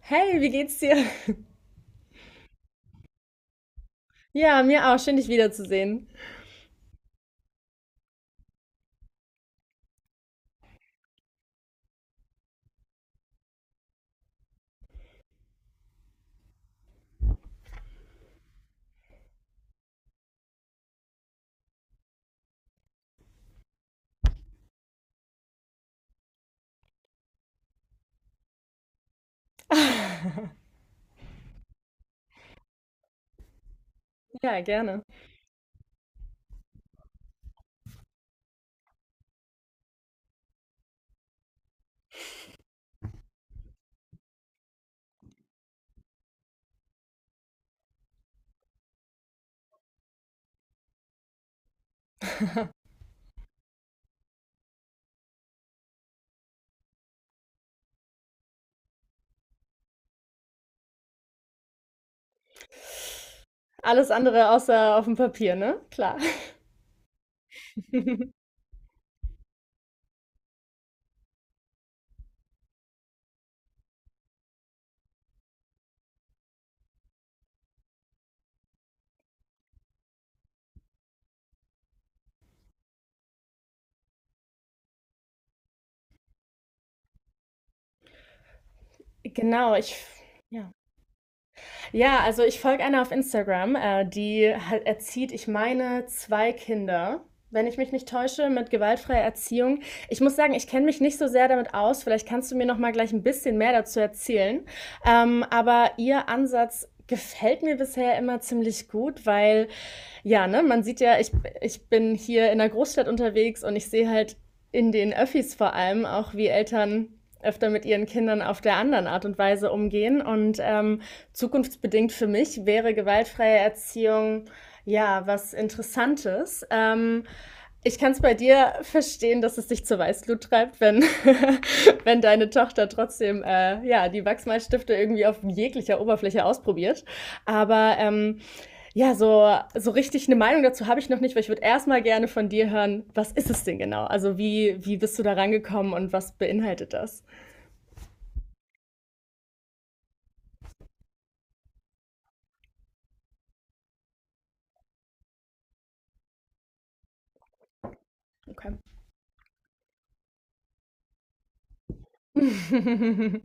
Hey, wie geht's dir? Ja, mir auch. Schön, dich wiederzusehen. Ja, gerne. Alles andere außer auf dem Papier, ne? Klar. Genau, ich ja. Ja, also ich folge einer auf Instagram, die halt erzieht, ich meine, zwei Kinder, wenn ich mich nicht täusche, mit gewaltfreier Erziehung. Ich muss sagen, ich kenne mich nicht so sehr damit aus. Vielleicht kannst du mir noch mal gleich ein bisschen mehr dazu erzählen. Aber ihr Ansatz gefällt mir bisher immer ziemlich gut, weil ja, ne, man sieht ja, ich bin hier in der Großstadt unterwegs und ich sehe halt in den Öffis vor allem auch, wie Eltern öfter mit ihren Kindern auf der anderen Art und Weise umgehen. Und zukunftsbedingt für mich wäre gewaltfreie Erziehung ja was Interessantes. Ich kann es bei dir verstehen, dass es dich zur Weißglut treibt, wenn, wenn deine Tochter trotzdem ja, die Wachsmalstifte irgendwie auf jeglicher Oberfläche ausprobiert. Aber ja, so richtig eine Meinung dazu habe ich noch nicht, weil ich würde erstmal gerne von dir hören, was ist es denn genau? Also wie bist du da rangekommen und was beinhaltet das? Okay. Mhm.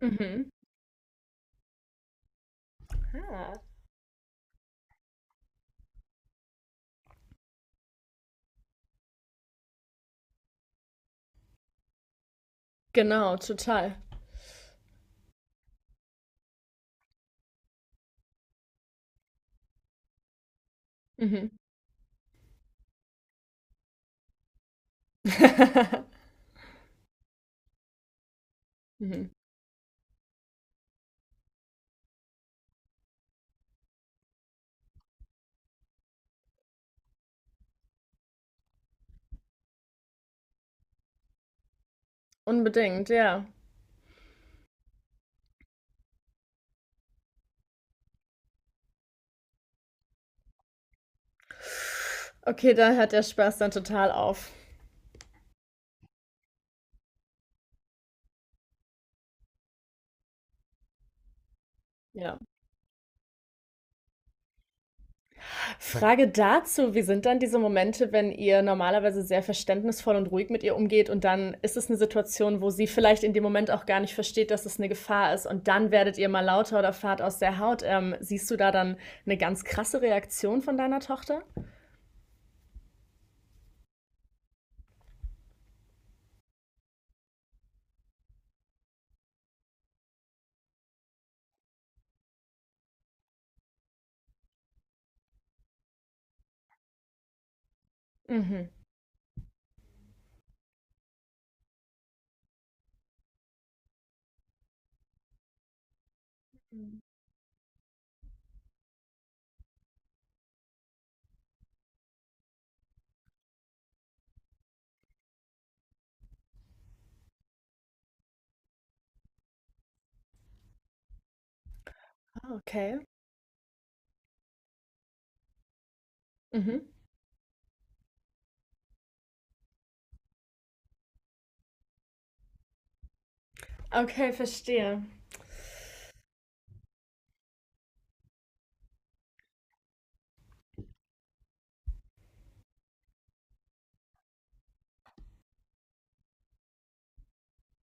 Mhm. Genau, total. Mhm. Mhm. Unbedingt, ja. Okay, da hört der Spaß dann total auf. Ja. Frage dazu, wie sind dann diese Momente, wenn ihr normalerweise sehr verständnisvoll und ruhig mit ihr umgeht und dann ist es eine Situation, wo sie vielleicht in dem Moment auch gar nicht versteht, dass es eine Gefahr ist und dann werdet ihr mal lauter oder fahrt aus der Haut. Siehst du da dann eine ganz krasse Reaktion von deiner Tochter? Mhm. Ah, okay. Mhm. Okay, verstehe.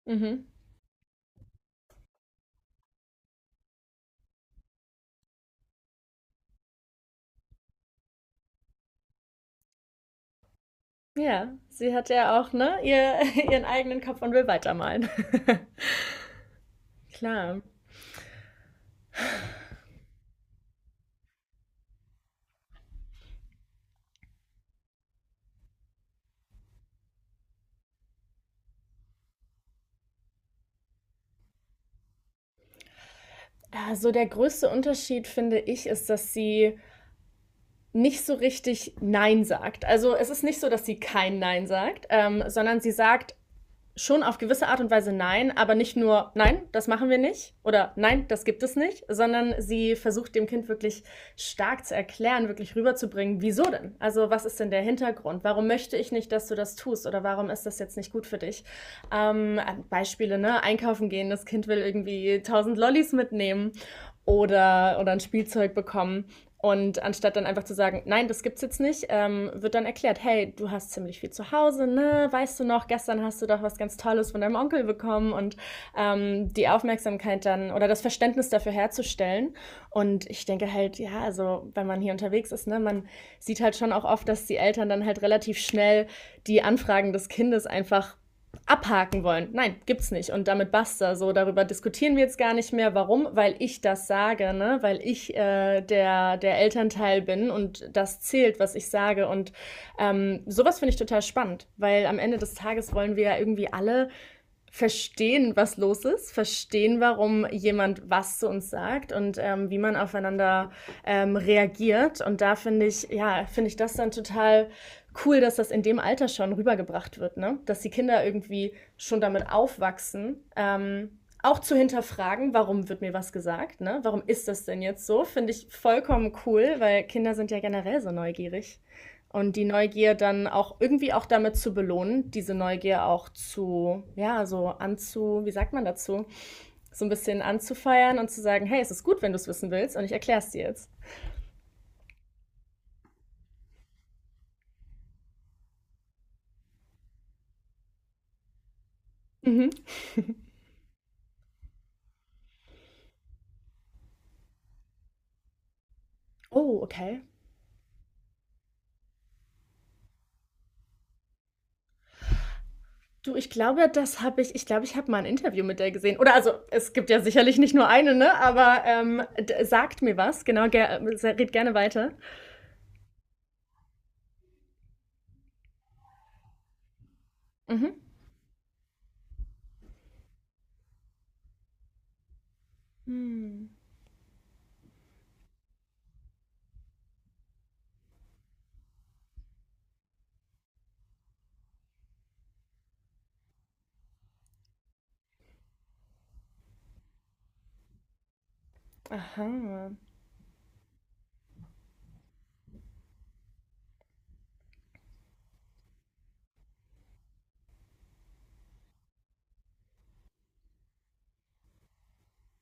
Mhm. Ja, sie hat ja auch, ne, ihr, ihren eigenen Kopf und will weitermalen. Klar. Also der größte Unterschied, finde ich, ist, dass sie nicht so richtig Nein sagt. Also es ist nicht so, dass sie kein Nein sagt, sondern sie sagt schon auf gewisse Art und Weise Nein, aber nicht nur Nein, das machen wir nicht oder Nein, das gibt es nicht, sondern sie versucht dem Kind wirklich stark zu erklären, wirklich rüberzubringen, wieso denn? Also was ist denn der Hintergrund? Warum möchte ich nicht, dass du das tust oder warum ist das jetzt nicht gut für dich? Ähm, Beispiele, ne? Einkaufen gehen, das Kind will irgendwie tausend Lollis mitnehmen oder ein Spielzeug bekommen. Und anstatt dann einfach zu sagen, nein, das gibt's jetzt nicht, wird dann erklärt, hey, du hast ziemlich viel zu Hause, ne? Weißt du noch, gestern hast du doch was ganz Tolles von deinem Onkel bekommen und die Aufmerksamkeit dann oder das Verständnis dafür herzustellen. Und ich denke halt, ja, also wenn man hier unterwegs ist, ne, man sieht halt schon auch oft, dass die Eltern dann halt relativ schnell die Anfragen des Kindes einfach abhaken wollen. Nein, gibt's nicht. Und damit basta. So, darüber diskutieren wir jetzt gar nicht mehr. Warum? Weil ich das sage, ne? Weil ich der Elternteil bin und das zählt, was ich sage. Und sowas finde ich total spannend, weil am Ende des Tages wollen wir ja irgendwie alle verstehen, was los ist, verstehen, warum jemand was zu uns sagt und wie man aufeinander reagiert. Und da finde ich, ja, finde ich das dann total cool, dass das in dem Alter schon rübergebracht wird, ne? Dass die Kinder irgendwie schon damit aufwachsen. Auch zu hinterfragen, warum wird mir was gesagt, ne? Warum ist das denn jetzt so? Finde ich vollkommen cool, weil Kinder sind ja generell so neugierig. Und die Neugier dann auch irgendwie auch damit zu belohnen, diese Neugier auch zu, ja, wie sagt man dazu? So ein bisschen anzufeiern und zu sagen, hey, es ist gut, wenn du es wissen willst und ich erkläre es dir jetzt. Mhm. Oh, okay. Du, ich glaube, ich glaube, ich habe mal ein Interview mit der gesehen. Oder also, es gibt ja sicherlich nicht nur eine, ne? Aber sagt mir was, genau, gerne weiter. Mhm. Hm. Aha.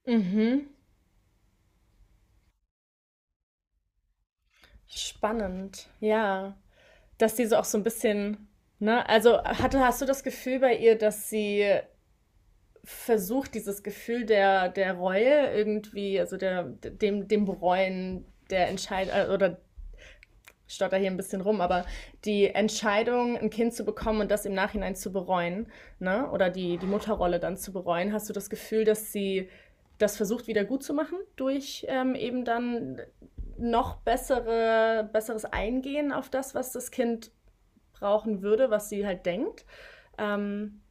Mhm. Spannend. Ja. Dass die so auch so ein bisschen, ne, also hast du das Gefühl bei ihr, dass sie versucht, dieses Gefühl der Reue irgendwie, also dem Bereuen der Entscheidung, oder stotter hier ein bisschen rum, aber die Entscheidung, ein Kind zu bekommen und das im Nachhinein zu bereuen, ne, oder die Mutterrolle dann zu bereuen, hast du das Gefühl, dass sie das versucht wieder gut zu machen durch eben dann noch besseres Eingehen auf das, was das Kind brauchen würde, was sie halt denkt. Ähm,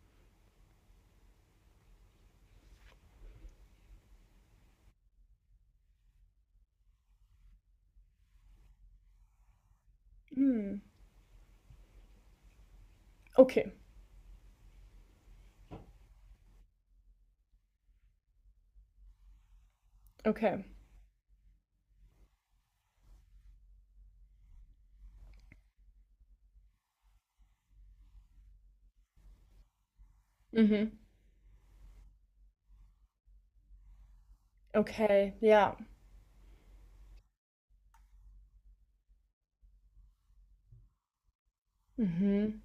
hm, okay, okay. Mhm. Okay, ja. Mhm.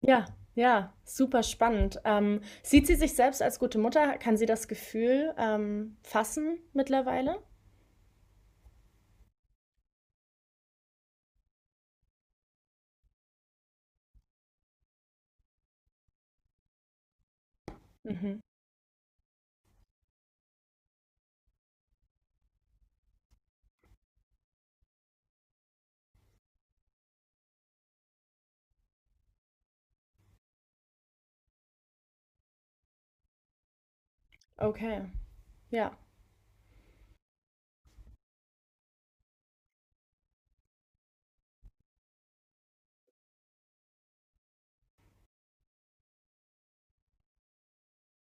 Ja, ja, super spannend. Sieht sie sich selbst als gute Mutter? Kann sie das Gefühl fassen mittlerweile? Mhm. Okay, ja.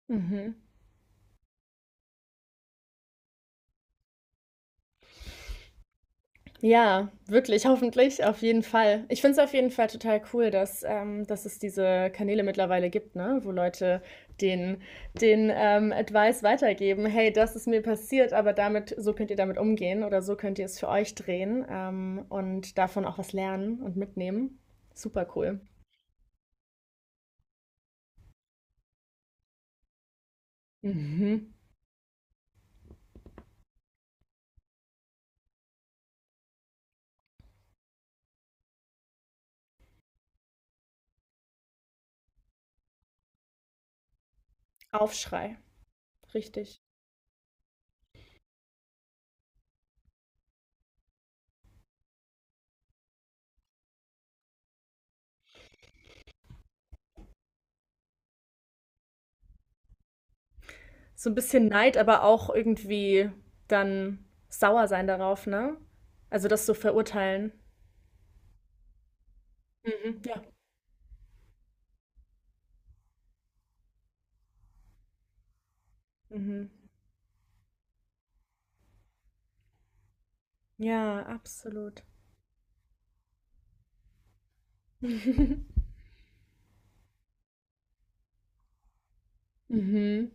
Mhm. Ja, wirklich, hoffentlich, auf jeden Fall. Ich finde es auf jeden Fall total cool, dass es diese Kanäle mittlerweile gibt, ne? Wo Leute den, den Advice weitergeben, hey, das ist mir passiert, aber damit, so könnt ihr damit umgehen oder so könnt ihr es für euch drehen und davon auch was lernen und mitnehmen. Super cool. Mhm. Aufschrei, richtig. So ein bisschen Neid, aber auch irgendwie dann sauer sein darauf, ne? Also das so verurteilen. Mhm. Ja. Mhm. Ja, absolut. Mhm.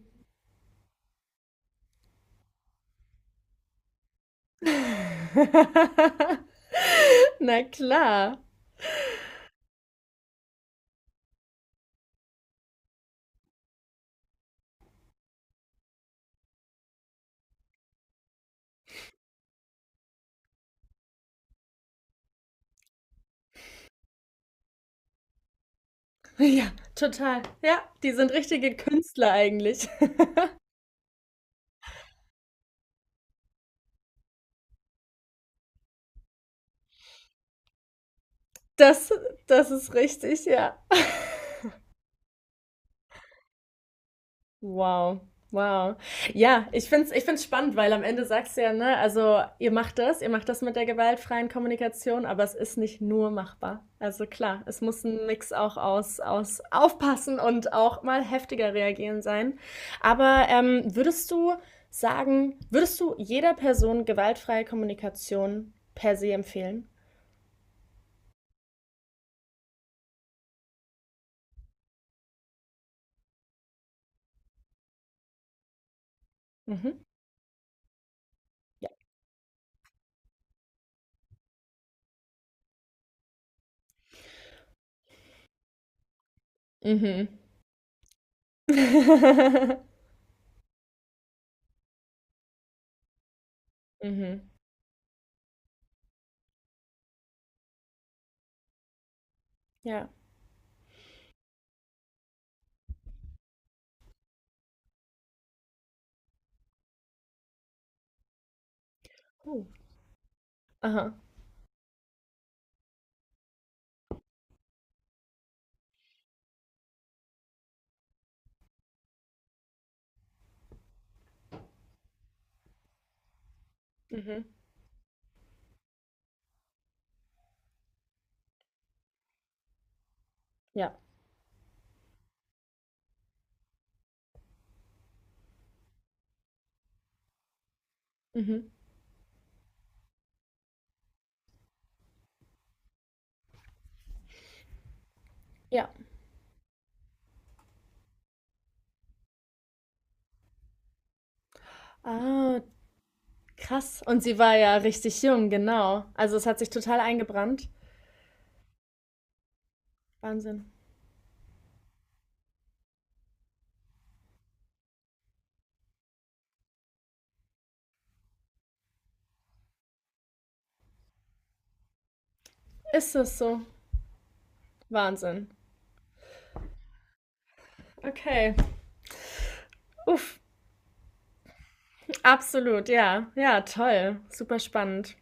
Na klar. Ja, total. Ja, die sind richtige Künstler eigentlich. Das, das ist richtig, ja. Wow, wow. Ja, ich finde es ich find's spannend, weil am Ende sagst du ja, ne, also ihr macht das mit der gewaltfreien Kommunikation, aber es ist nicht nur machbar. Also klar, es muss ein Mix auch aus aufpassen und auch mal heftiger reagieren sein. Aber würdest du jeder Person gewaltfreie Kommunikation per se empfehlen? Mhm. Ja. Mhm. Mhm. Ja. Oh. Aha. Mhm. Ja. Mhm. Ja. Ah, krass. Und sie war ja richtig jung, genau. Also es hat sich total eingebrannt. Wahnsinn. Ist es so? Wahnsinn. Okay. Uff, absolut, ja. Ja, toll. Super spannend.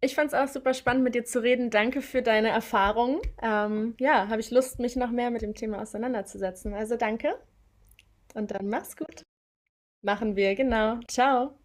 Ich fand es auch super spannend, mit dir zu reden. Danke für deine Erfahrung. Ja, habe ich Lust, mich noch mehr mit dem Thema auseinanderzusetzen. Also danke und dann mach's gut. Machen wir, genau. Ciao.